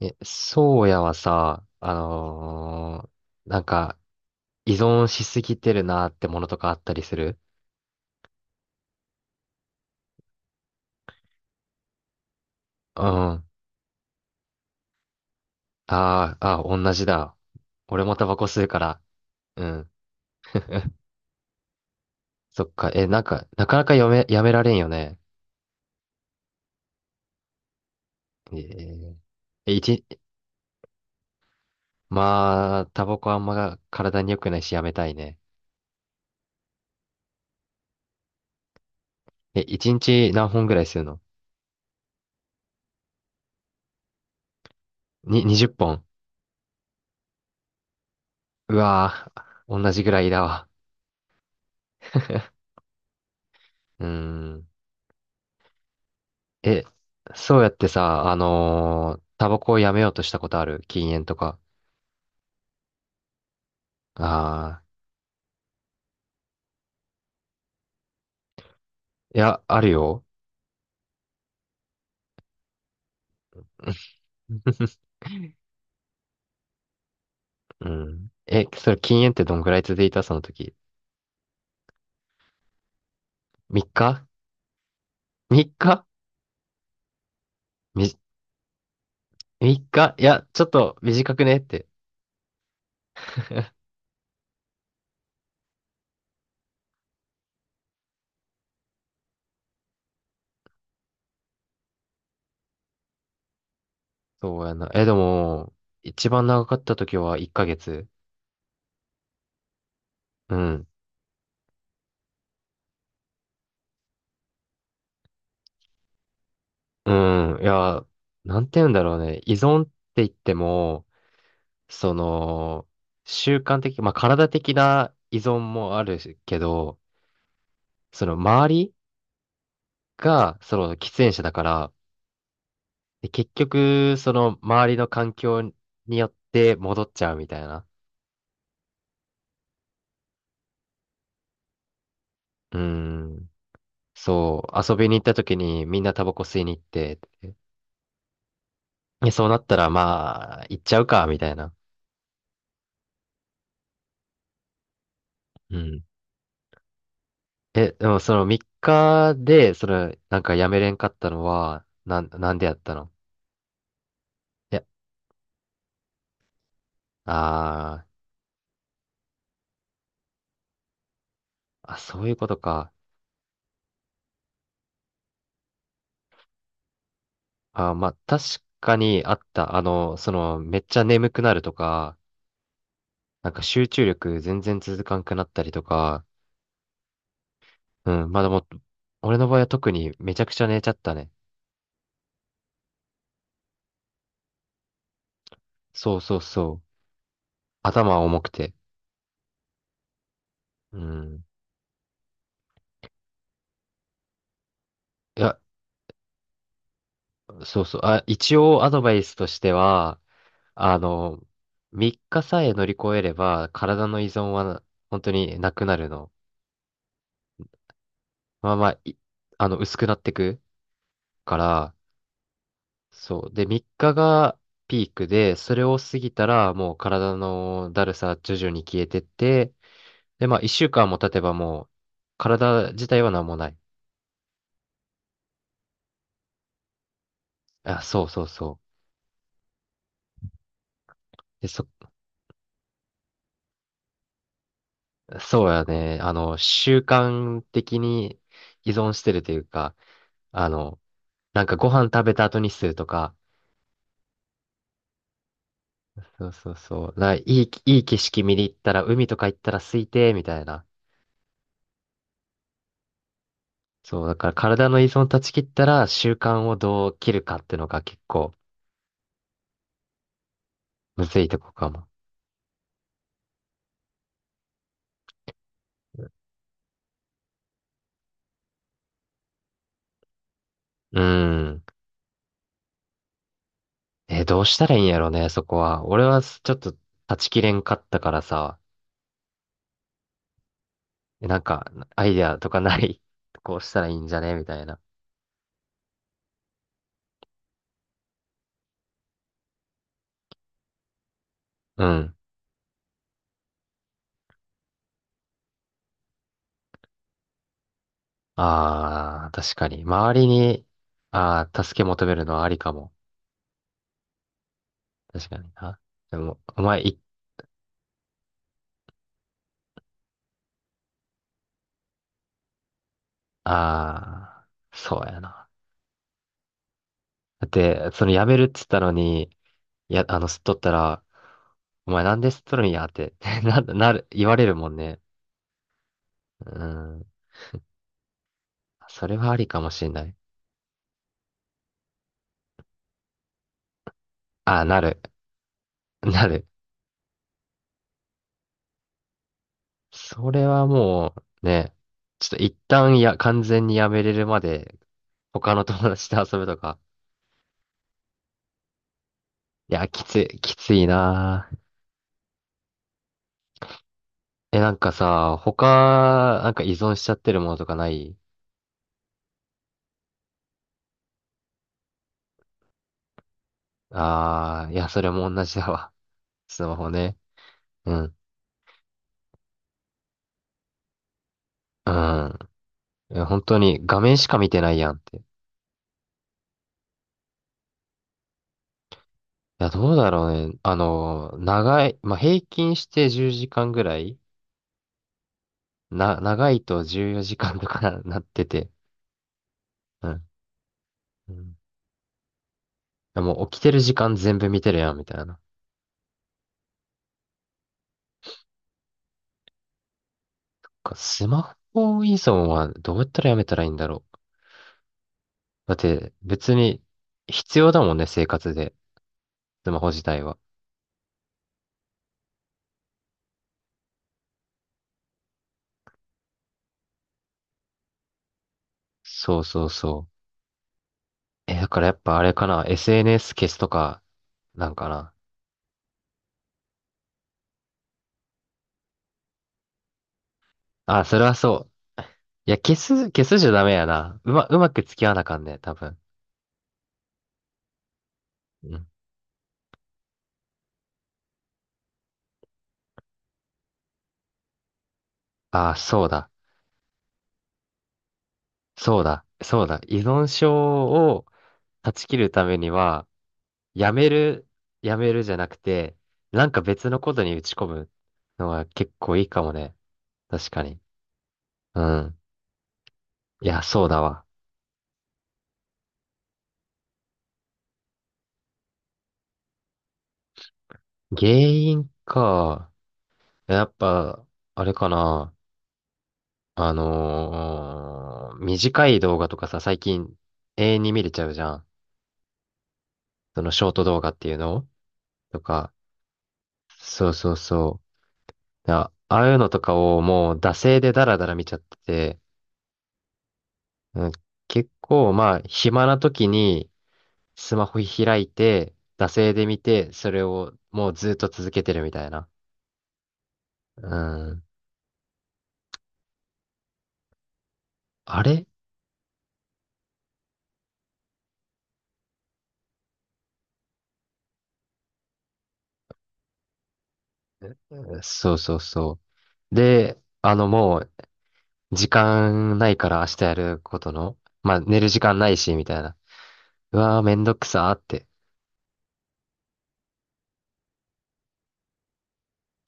そうやはさ、ーなんか、依存しすぎてるなってものとかあったりする。うん。ああ、同じだ。俺もタバコ吸うから。うん。そっか。なんか、なかなかやめ、やめられんよね。えー、え一、まあ、タバコあんま体に良くないしやめたいね。え、一日何本ぐらい吸うの？に、20本。うわぁ、同じぐらいだわ。うーん。え、そうやってさ、タバコをやめようとしたことある？禁煙とか。ああ、いや、あるよ。うん。え、それ禁煙ってどんぐらい続いたその時。3日？ 3 日？み、3日、いや、ちょっと短くねって。そうやな。え、でも、一番長かった時は1ヶ月。うん。うん。いや、なんて言うんだろうね。依存って言っても、その、習慣的、まあ、体的な依存もあるけど、その周りが、その喫煙者だから、で結局、その周りの環境によって戻っちゃうみたいな。うーん。そう、遊びに行った時にみんなタバコ吸いに行って、でそうなったらまあ、行っちゃうか、みたいな。うん。え、でもその3日で、その、なんかやめれんかったのは、なん、なんでやったの？いや、あそういうことか。あー、まあ、確かにあった。あの、その、めっちゃ眠くなるとか、なんか集中力全然続かんくなったりとか、うん、まあでも、俺の場合は特にめちゃくちゃ寝ちゃったね。そうそうそう。頭重くて。うん。いや、そうそう。あ、一応アドバイスとしては、あの、3日さえ乗り越えれば、体の依存は本当になくなるの。まあまあ、いあの、薄くなってくから、そう。で、3日がピークで、それを過ぎたらもう体のだるさ徐々に消えてって、で、まあ1週間も経てばもう体自体は何もない。あ、そうそうそう。そうやね。あの、習慣的に依存してるというか、あの、なんかご飯食べた後にするとか、そうそうそう。な、いい、いい景色見に行ったら海とか行ったら空いて、みたいな。そう、だから体の依存断ち切ったら習慣をどう切るかっていうのが結構、むずいとこかも。うん。え、どうしたらいいんやろうね、そこは。俺はちょっと断ち切れんかったからさ、なんか、アイデアとかない？ こうしたらいいんじゃねみたいな。うん。ああ、確かに。周りに、ああ、助け求めるのはありかも。確かにな。でも、お前、い、ああ、そうやな。だって、その辞めるっつったのに、いや、あの、吸っとったら、お前なんで吸っとるんやって な、なる、言われるもんね。うん。それはありかもしれない。あ、なる。なる。それはもう、ね、ちょっと一旦や、完全にやめれるまで、他の友達と遊ぶとか。いや、きついなぁ。え、なんかさ、なんか依存しちゃってるものとかない？ああー、いや、それも同じだわ。スマホね。うん。うん。いや、本当に画面しか見てないやんって。いや、どうだろうね。あの、長い、まあ、平均して10時間ぐらい、な、長いと14時間とか なってて、うん。うん。もう起きてる時間全部見てるやん、みたいな。なんかスマホ依存はどうやったらやめたらいいんだろう。だって別に必要だもんね、生活で。スマホ自体は。そうそうそう。え、だからやっぱあれかな。SNS 消すとか、なんかな。あ、それはそう。いや、消すじゃダメやな。うまく付き合わなあかんね、多分。うん。あ、そうだ。依存症を断ち切るためには、やめる、やめるじゃなくて、なんか別のことに打ち込むのが結構いいかもね。確かに。うん。いや、そうだわ。原因か。やっぱ、あれかな。短い動画とかさ、最近永遠に見れちゃうじゃん。そのショート動画っていうのとか。そうそうそう。あ、ああいうのとかをもう惰性でダラダラ見ちゃってて、うん、結構まあ、暇な時に、スマホ開いて、惰性で見て、それをもうずっと続けてるみたいな。うん。あれ、そうそうそう。で、あのもう、時間ないから明日やることの、まあ寝る時間ないし、みたいな。うわーめんどくさーって。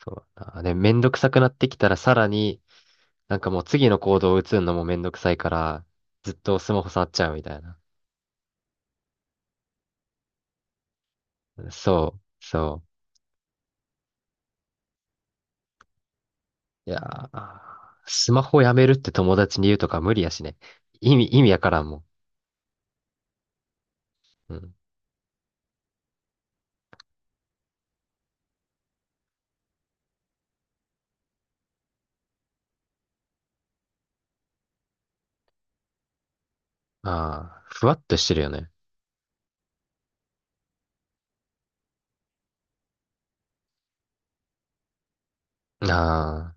そうだな。で、めんどくさくなってきたらさらに、なんかもう次の行動を移るのもめんどくさいから、ずっとスマホ触っちゃうみたいな。そう。いやー、スマホやめるって友達に言うとか無理やしね。意味やからんもん。うん。ああ、ふわっとしてるよね。ああ、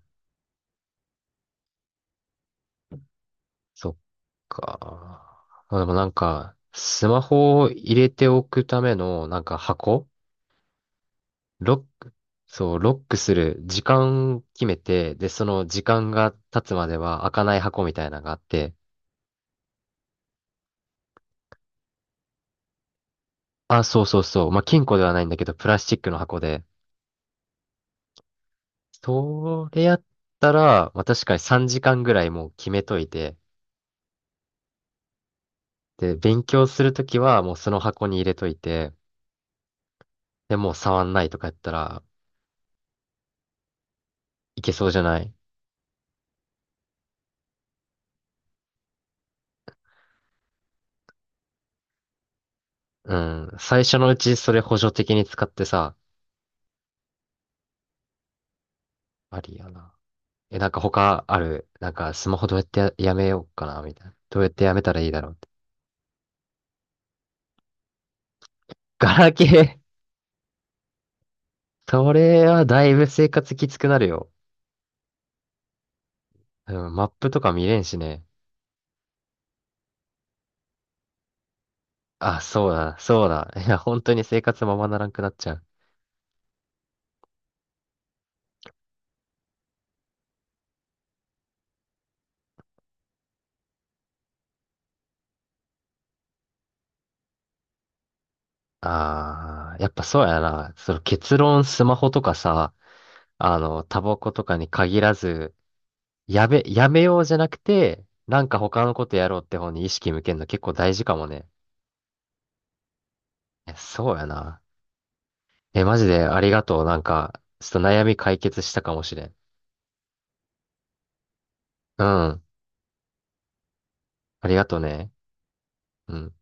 そっか。まあでもなんか、スマホを入れておくための、なんか箱、ロック、そう、ロックする時間決めて、で、その時間が経つまでは開かない箱みたいなのがあって、あ、そうそうそう。まあ、金庫ではないんだけど、プラスチックの箱で、それやったら、まあ、確かに3時間ぐらいもう決めといて、で、勉強するときはもうその箱に入れといて、で、もう触んないとかやったらいけそうじゃない？うん。最初のうちそれ補助的に使ってさ、ありやな。え、なんか他ある、なんかスマホどうやってや、やめようかな、みたいな。どうやってやめたらいいだろうって。ガラケー？ それはだいぶ生活きつくなるよ。うん、マップとか見れんしね。あ、そうだ。いや、本当に生活ままならんくなっちゃう。ああ、やっぱそうやな。その結論スマホとかさ、あの、タバコとかに限らず、やめようじゃなくて、なんか他のことやろうって方に意識向けるの結構大事かもね。え、そうやな。え、マジでありがとう。なんか、ちょっと悩み解決したかもしれん。うん。ありがとうね。うん。